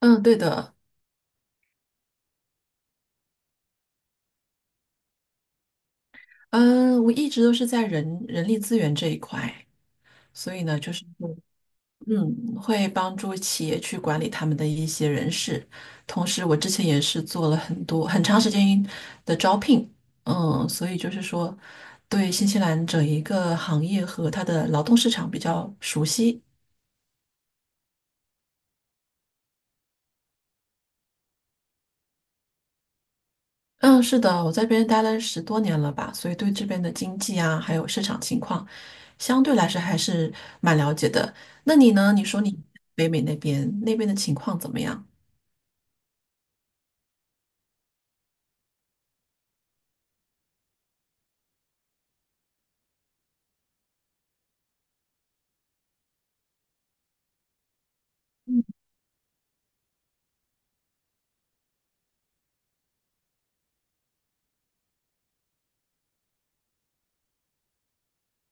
嗯，对的，嗯，我一直都是在人力资源这一块，所以呢，就是会帮助企业去管理他们的一些人事，同时我之前也是做了很多很长时间的招聘，所以就是说，对新西兰整一个行业和它的劳动市场比较熟悉。嗯，是的，我在这边待了10多年了吧，所以对这边的经济啊，还有市场情况，相对来说还是蛮了解的。那你呢？你说你北美那边的情况怎么样？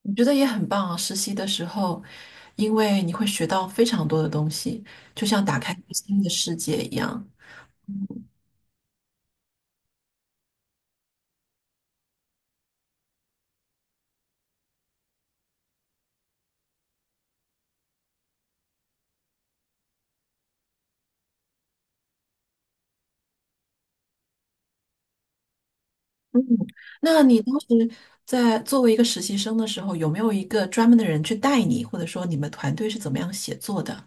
我觉得也很棒啊。实习的时候，因为你会学到非常多的东西，就像打开一个新的世界一样。那你当时在作为一个实习生的时候，有没有一个专门的人去带你，或者说你们团队是怎么样写作的？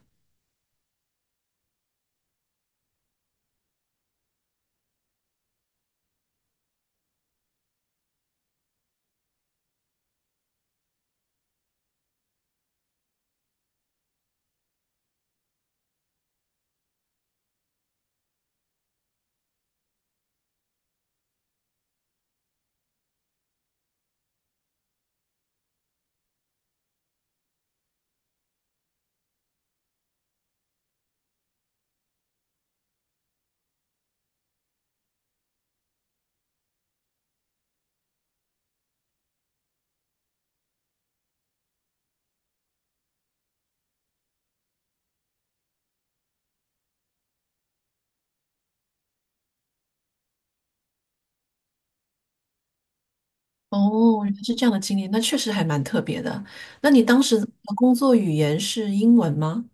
哦，原来是这样的经历，那确实还蛮特别的。那你当时的工作语言是英文吗？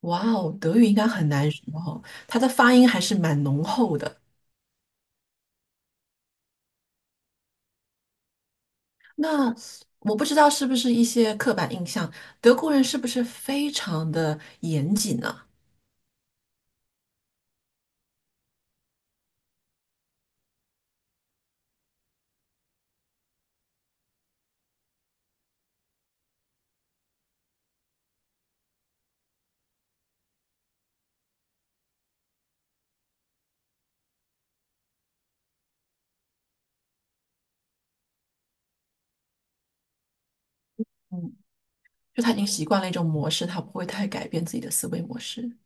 哇哦，德语应该很难学哦，它的发音还是蛮浓厚的。那我不知道是不是一些刻板印象，德国人是不是非常的严谨呢？嗯，就他已经习惯了一种模式，他不会太改变自己的思维模式。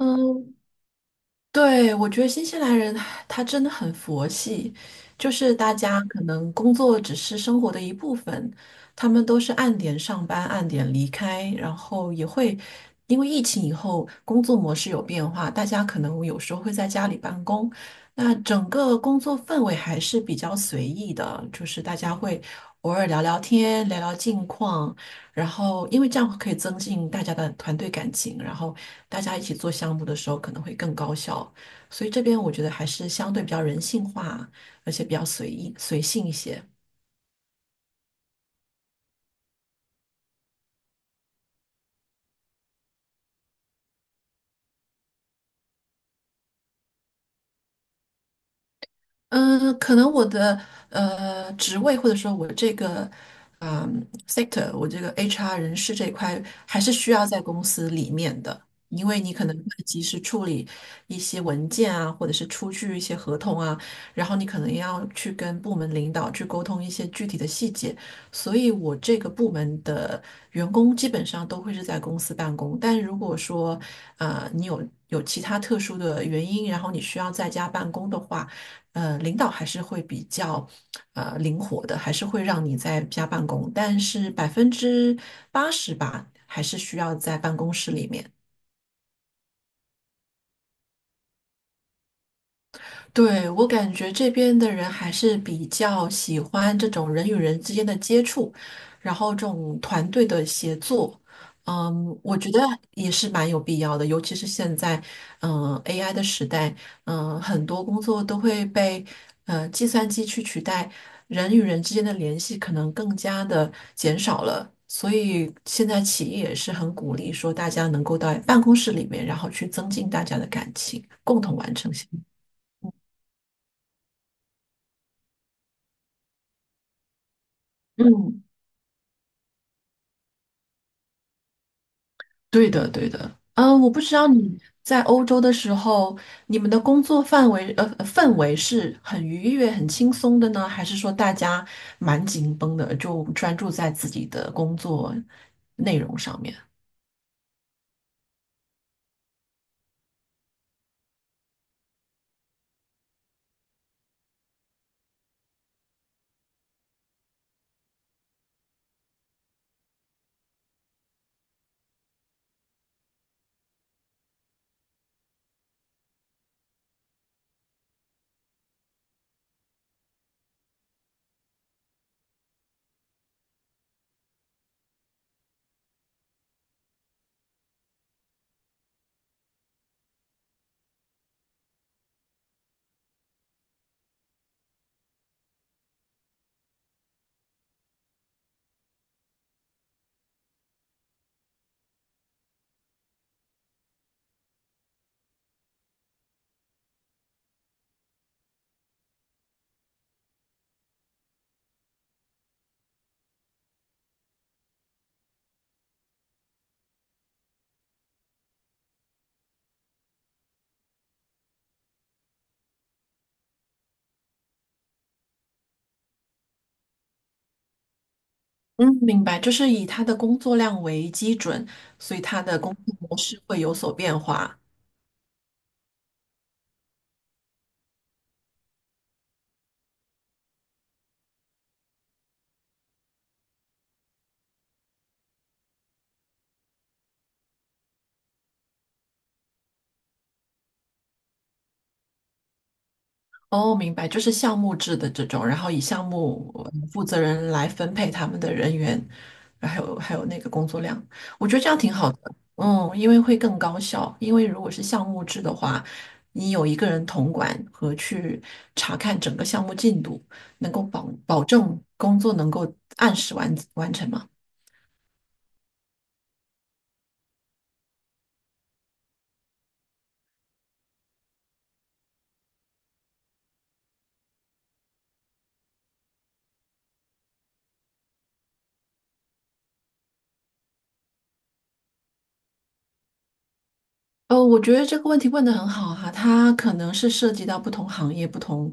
嗯。对，我觉得新西兰人他真的很佛系，就是大家可能工作只是生活的一部分，他们都是按点上班，按点离开，然后也会因为疫情以后工作模式有变化，大家可能有时候会在家里办公，那整个工作氛围还是比较随意的，就是大家会偶尔聊聊天，聊聊近况，然后因为这样可以增进大家的团队感情，然后大家一起做项目的时候可能会更高效。所以这边我觉得还是相对比较人性化，而且比较随意随性一些。可能我的职位或者说我这个sector，我这个 HR 人事这一块还是需要在公司里面的，因为你可能会及时处理一些文件啊，或者是出具一些合同啊，然后你可能要去跟部门领导去沟通一些具体的细节，所以我这个部门的员工基本上都会是在公司办公，但如果说你有其他特殊的原因，然后你需要在家办公的话，领导还是会比较灵活的，还是会让你在家办公，但是80%吧，还是需要在办公室里面。对，我感觉这边的人还是比较喜欢这种人与人之间的接触，然后这种团队的协作，我觉得也是蛮有必要的，尤其是现在，AI 的时代，很多工作都会被计算机去取代，人与人之间的联系可能更加的减少了，所以现在企业也是很鼓励说大家能够到办公室里面，然后去增进大家的感情，共同完成项目。嗯。对的，对的。嗯，我不知道你在欧洲的时候，你们的工作范围氛围是很愉悦、很轻松的呢，还是说大家蛮紧绷的，就专注在自己的工作内容上面？嗯，明白，就是以他的工作量为基准，所以他的工作模式会有所变化。哦，明白，就是项目制的这种，然后以项目负责人来分配他们的人员，还有那个工作量，我觉得这样挺好的。因为会更高效，因为如果是项目制的话，你有一个人统管和去查看整个项目进度，能够保证工作能够按时完成嘛。我觉得这个问题问得很好哈，它可能是涉及到不同行业、不同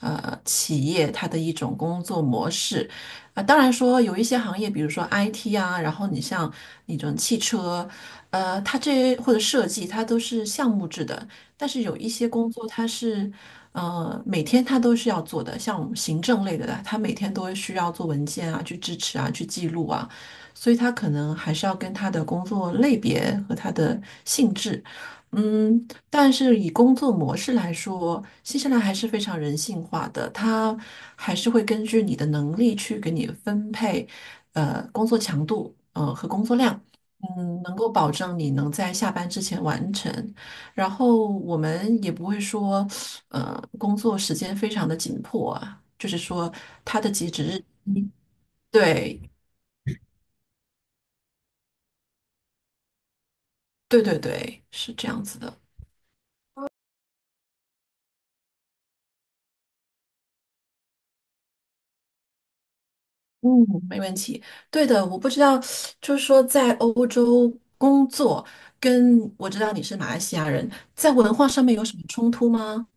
企业它的一种工作模式啊、当然说有一些行业，比如说 IT 啊，然后你像那种汽车，它这或者设计，它都是项目制的。但是有一些工作，它是每天它都是要做的，像行政类的，它每天都会需要做文件啊，去支持啊，去记录啊，所以它可能还是要跟它的工作类别和它的性质。但是以工作模式来说，新西兰还是非常人性化的，它还是会根据你的能力去给你分配，工作强度，和工作量，能够保证你能在下班之前完成。然后我们也不会说，工作时间非常的紧迫啊，就是说它的截止日期，对，对对对，是这样子的。嗯，没对的，我不知道，就是说在欧洲工作，跟我知道你是马来西亚人，在文化上面有什么冲突吗？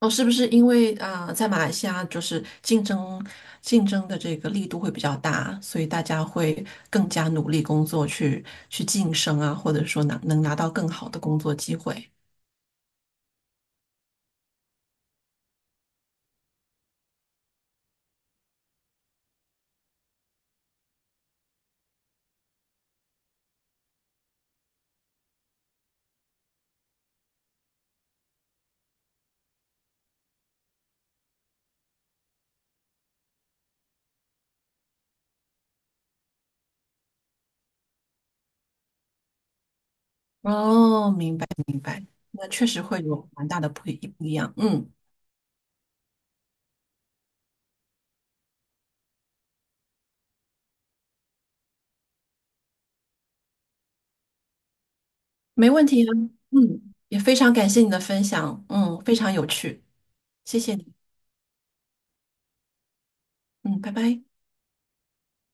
哦，是不是因为啊、在马来西亚就是竞争的这个力度会比较大，所以大家会更加努力工作去晋升啊，或者说拿能拿到更好的工作机会。哦，明白明白，那确实会有蛮大的不一样。嗯，没问题啊。嗯，也非常感谢你的分享，非常有趣。谢谢你，嗯，拜拜。